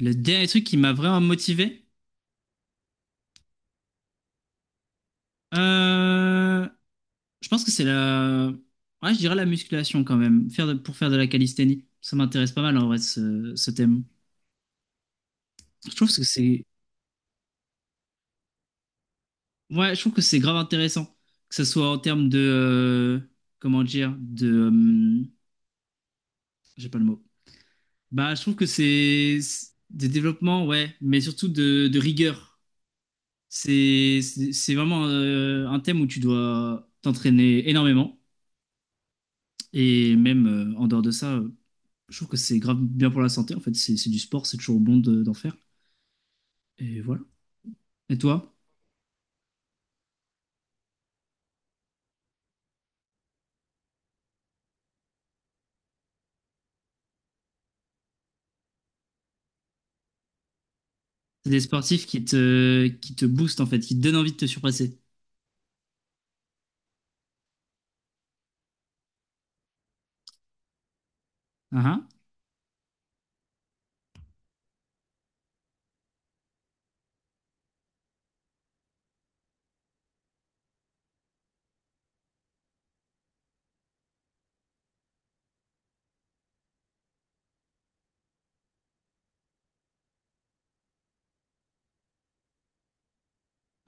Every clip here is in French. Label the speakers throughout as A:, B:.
A: Le dernier truc qui m'a vraiment motivé, euh, je pense que je dirais la musculation quand même, pour faire de la calisthénie. Ça m'intéresse pas mal en vrai ce thème. Je trouve que c'est, ouais, je trouve que c'est grave intéressant, que ce soit en termes comment dire, j'ai pas le mot. Je trouve que c'est des développements, ouais, mais surtout de rigueur. C'est vraiment un thème où tu dois t'entraîner énormément et même en dehors de ça. Je trouve que c'est grave bien pour la santé, en fait. C'est du sport, c'est toujours bon d'en faire. Et voilà. Et toi? C'est des sportifs qui te boostent, en fait, qui te donnent envie de te surpasser. Ah ah.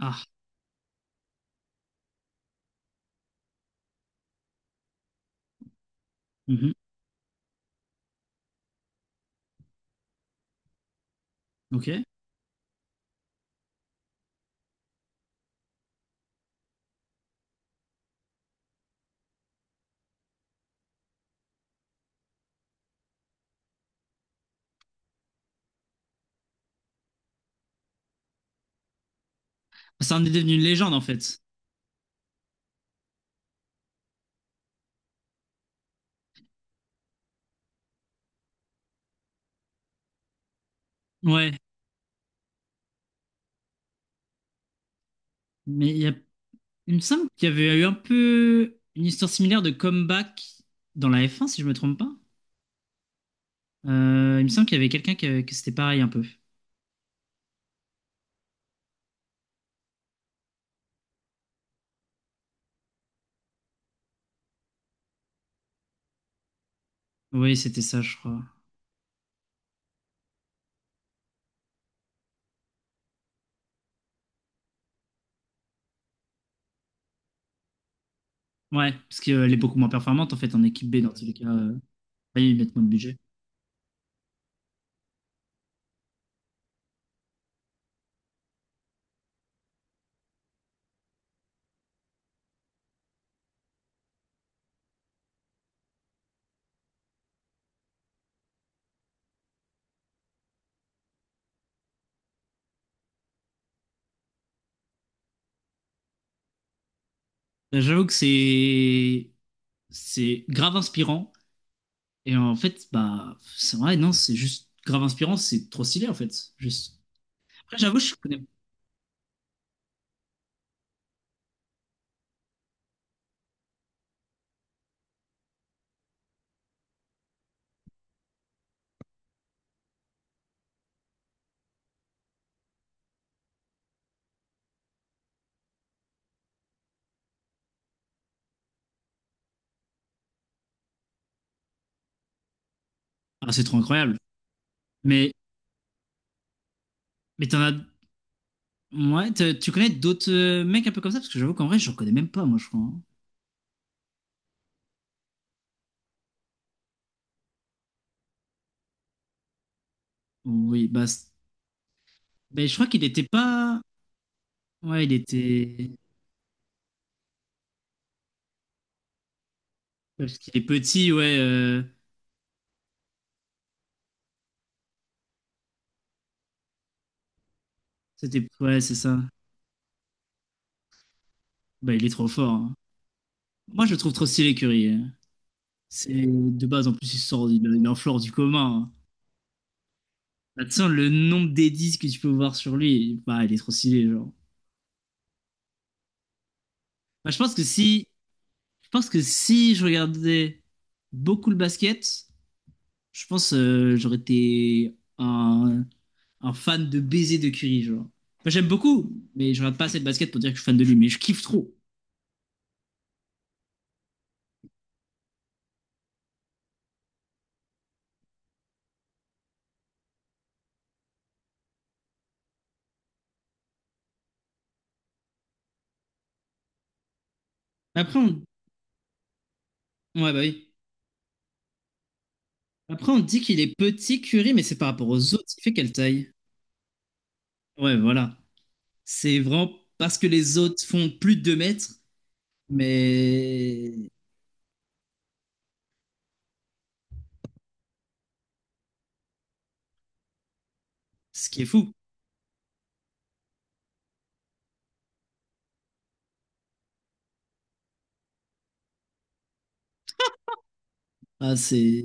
A: Ah. Mhm. Ok. Ah, ça en est devenu une légende, en fait. Ouais. Mais il y a... il me semble qu'il y avait eu un peu une histoire similaire de comeback dans la f un si je me trompe pas. Il me semble qu'il y avait quelqu'un qui que c'était pareil, un peu. Oui, c'était ça, je crois. Ouais, parce qu'elle est beaucoup moins performante, en fait, en équipe B, dans tous les cas. Oui, ils mettent moins de budget. Bah, j'avoue que c'est grave inspirant. Et en fait, bah, c'est vrai, non, c'est juste grave inspirant, c'est trop stylé en fait. Juste. Après, j'avoue, je connais. Ah, c'est trop incroyable. Mais, mais t'en as. Ouais, tu connais d'autres mecs un peu comme ça? Parce que j'avoue qu'en vrai, j'en connais même pas, moi, je crois, hein. Oui, bah, je crois qu'il était pas. Ouais, il était. Parce qu'il est petit, ouais. C'était. Ouais, c'est ça. Bah, il est trop fort, hein. Moi, je le trouve trop stylé, Curry, hein. C'est de base, en plus, il sort, il a un floor du commun, hein. Bah, de toute façon, le nombre d'Edis que tu peux voir sur lui, bah, il est trop stylé, genre. Bah, je pense que si, je pense que si je regardais beaucoup le basket, je pense euh, j'aurais été un fan de baiser de Curry, genre. Bah, j'aime beaucoup, mais je regarde pas assez de basket pour dire que je suis fan de lui, mais je kiffe trop. Après, on... ouais, bah oui. Après, on dit qu'il est petit Curry, mais c'est par rapport aux autres. Il fait quelle taille? Ouais, voilà. C'est vraiment parce que les autres font plus de 2 mètres, mais ce qui est fou. Ah,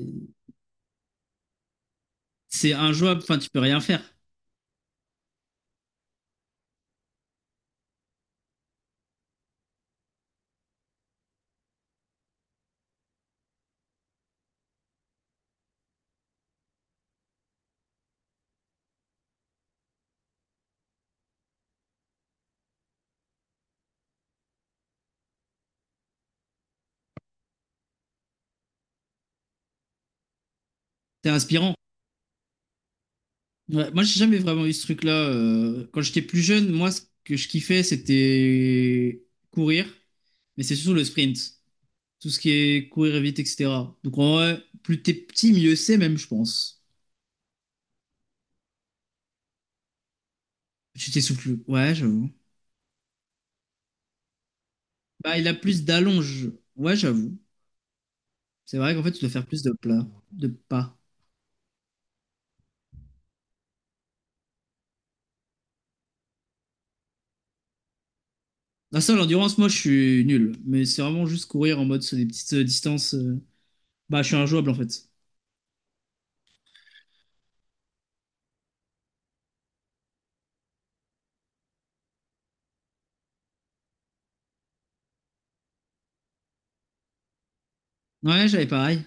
A: c'est injouable, enfin, tu peux rien faire. T'es inspirant. Ouais, moi, j'ai jamais vraiment eu ce truc-là. Quand j'étais plus jeune, moi, ce que je kiffais, c'était courir, mais c'est surtout le sprint. Tout ce qui est courir vite, etc. Donc, en vrai, plus t'es petit, mieux c'est, même, je pense. Tu t'essouffles. Ouais, j'avoue. Bah, il a plus d'allonge. Ouais, j'avoue. C'est vrai qu'en fait, tu dois faire plus de plats, de pas. Ah ça, l'endurance, moi, je suis nul. Mais c'est vraiment juste courir en mode sur des petites distances. Bah, je suis injouable, en fait. Ouais, j'avais pareil.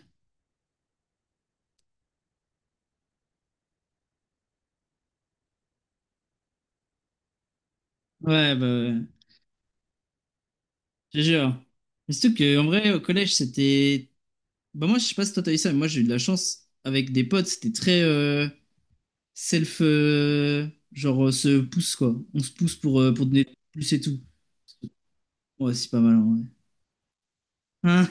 A: Ouais, bah, ouais. Je jure. Mais surtout que, en vrai, au collège, c'était... Bah, moi, je sais pas si toi, t'as eu ça, mais moi, j'ai eu de la chance. Avec des potes, c'était très self... genre, se pousse, quoi. On se pousse pour donner plus et tout. Ouais, c'est pas mal, en vrai. Hein.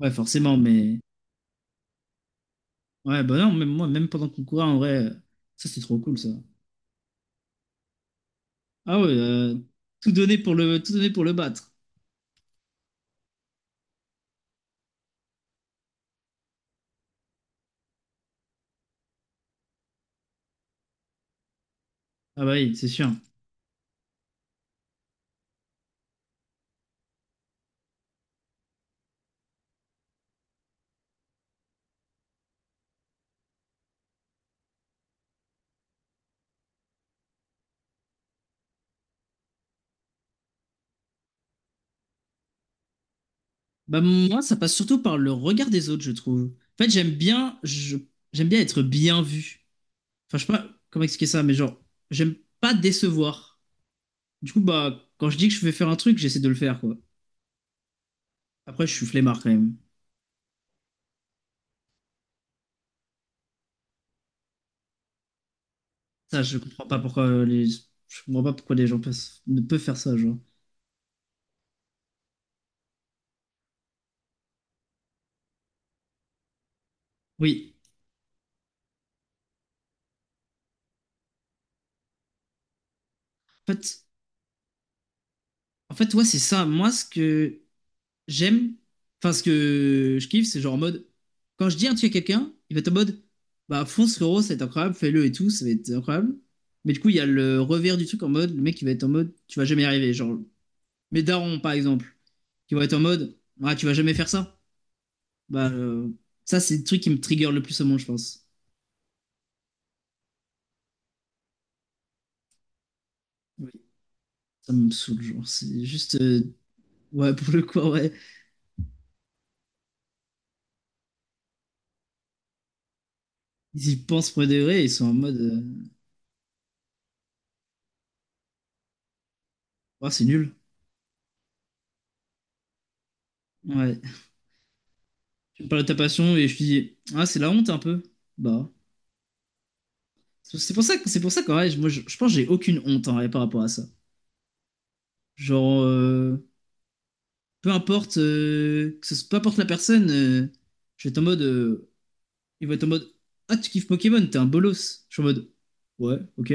A: Ouais, forcément, mais... ouais, bah non, même moi, même pendant qu'on courait, en vrai, ça c'est trop cool ça. Ah ouais, tout donner tout donner pour le battre. Ah bah oui, c'est sûr. Bah moi, ça passe surtout par le regard des autres, je trouve. En fait, j'aime bien être bien vu. Enfin, je sais pas comment expliquer ça, mais genre, j'aime pas décevoir. Du coup, bah, quand je dis que je vais faire un truc, j'essaie de le faire, quoi. Après, je suis flemmard quand même. Ça, je comprends pas pourquoi je comprends pas pourquoi les ne peuvent faire ça, genre. Oui. En fait, en fait, ouais, c'est ça. Moi, ce que j'aime. Enfin, ce que je kiffe, c'est genre en mode. Quand je dis un truc à quelqu'un, il va être en mode. Bah, fonce, frérot, ça va être incroyable, fais-le et tout, ça va être incroyable. Mais du coup, il y a le revers du truc en mode. Le mec, il va être en mode. Tu vas jamais y arriver. Genre, mes darons, par exemple, qui vont être en mode. Ah, tu vas jamais faire ça. Bah, euh, ça, c'est le truc qui me trigger le plus au monde, je pense. Oui. Ça me saoule, genre. C'est juste. Ouais, pour le coup, ouais. Ils y pensent pour de vrai, ils sont en mode. Ah, c'est nul. Ouais. Tu me parles de ta passion et je te dis. Ah, c'est la honte un peu. Bah. C'est pour ça que ouais, je pense que j'ai aucune honte en vrai, par rapport à ça. Genre peu importe peu importe la personne, je vais être en mode il va être en mode ah tu kiffes Pokémon, t'es un bolos. Je suis en mode ouais, OK.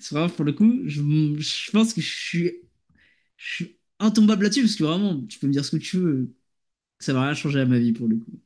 A: C'est vraiment pour le coup, je pense que je suis intombable là-dessus parce que vraiment tu peux me dire ce que tu veux, que ça va rien changer à ma vie pour le coup.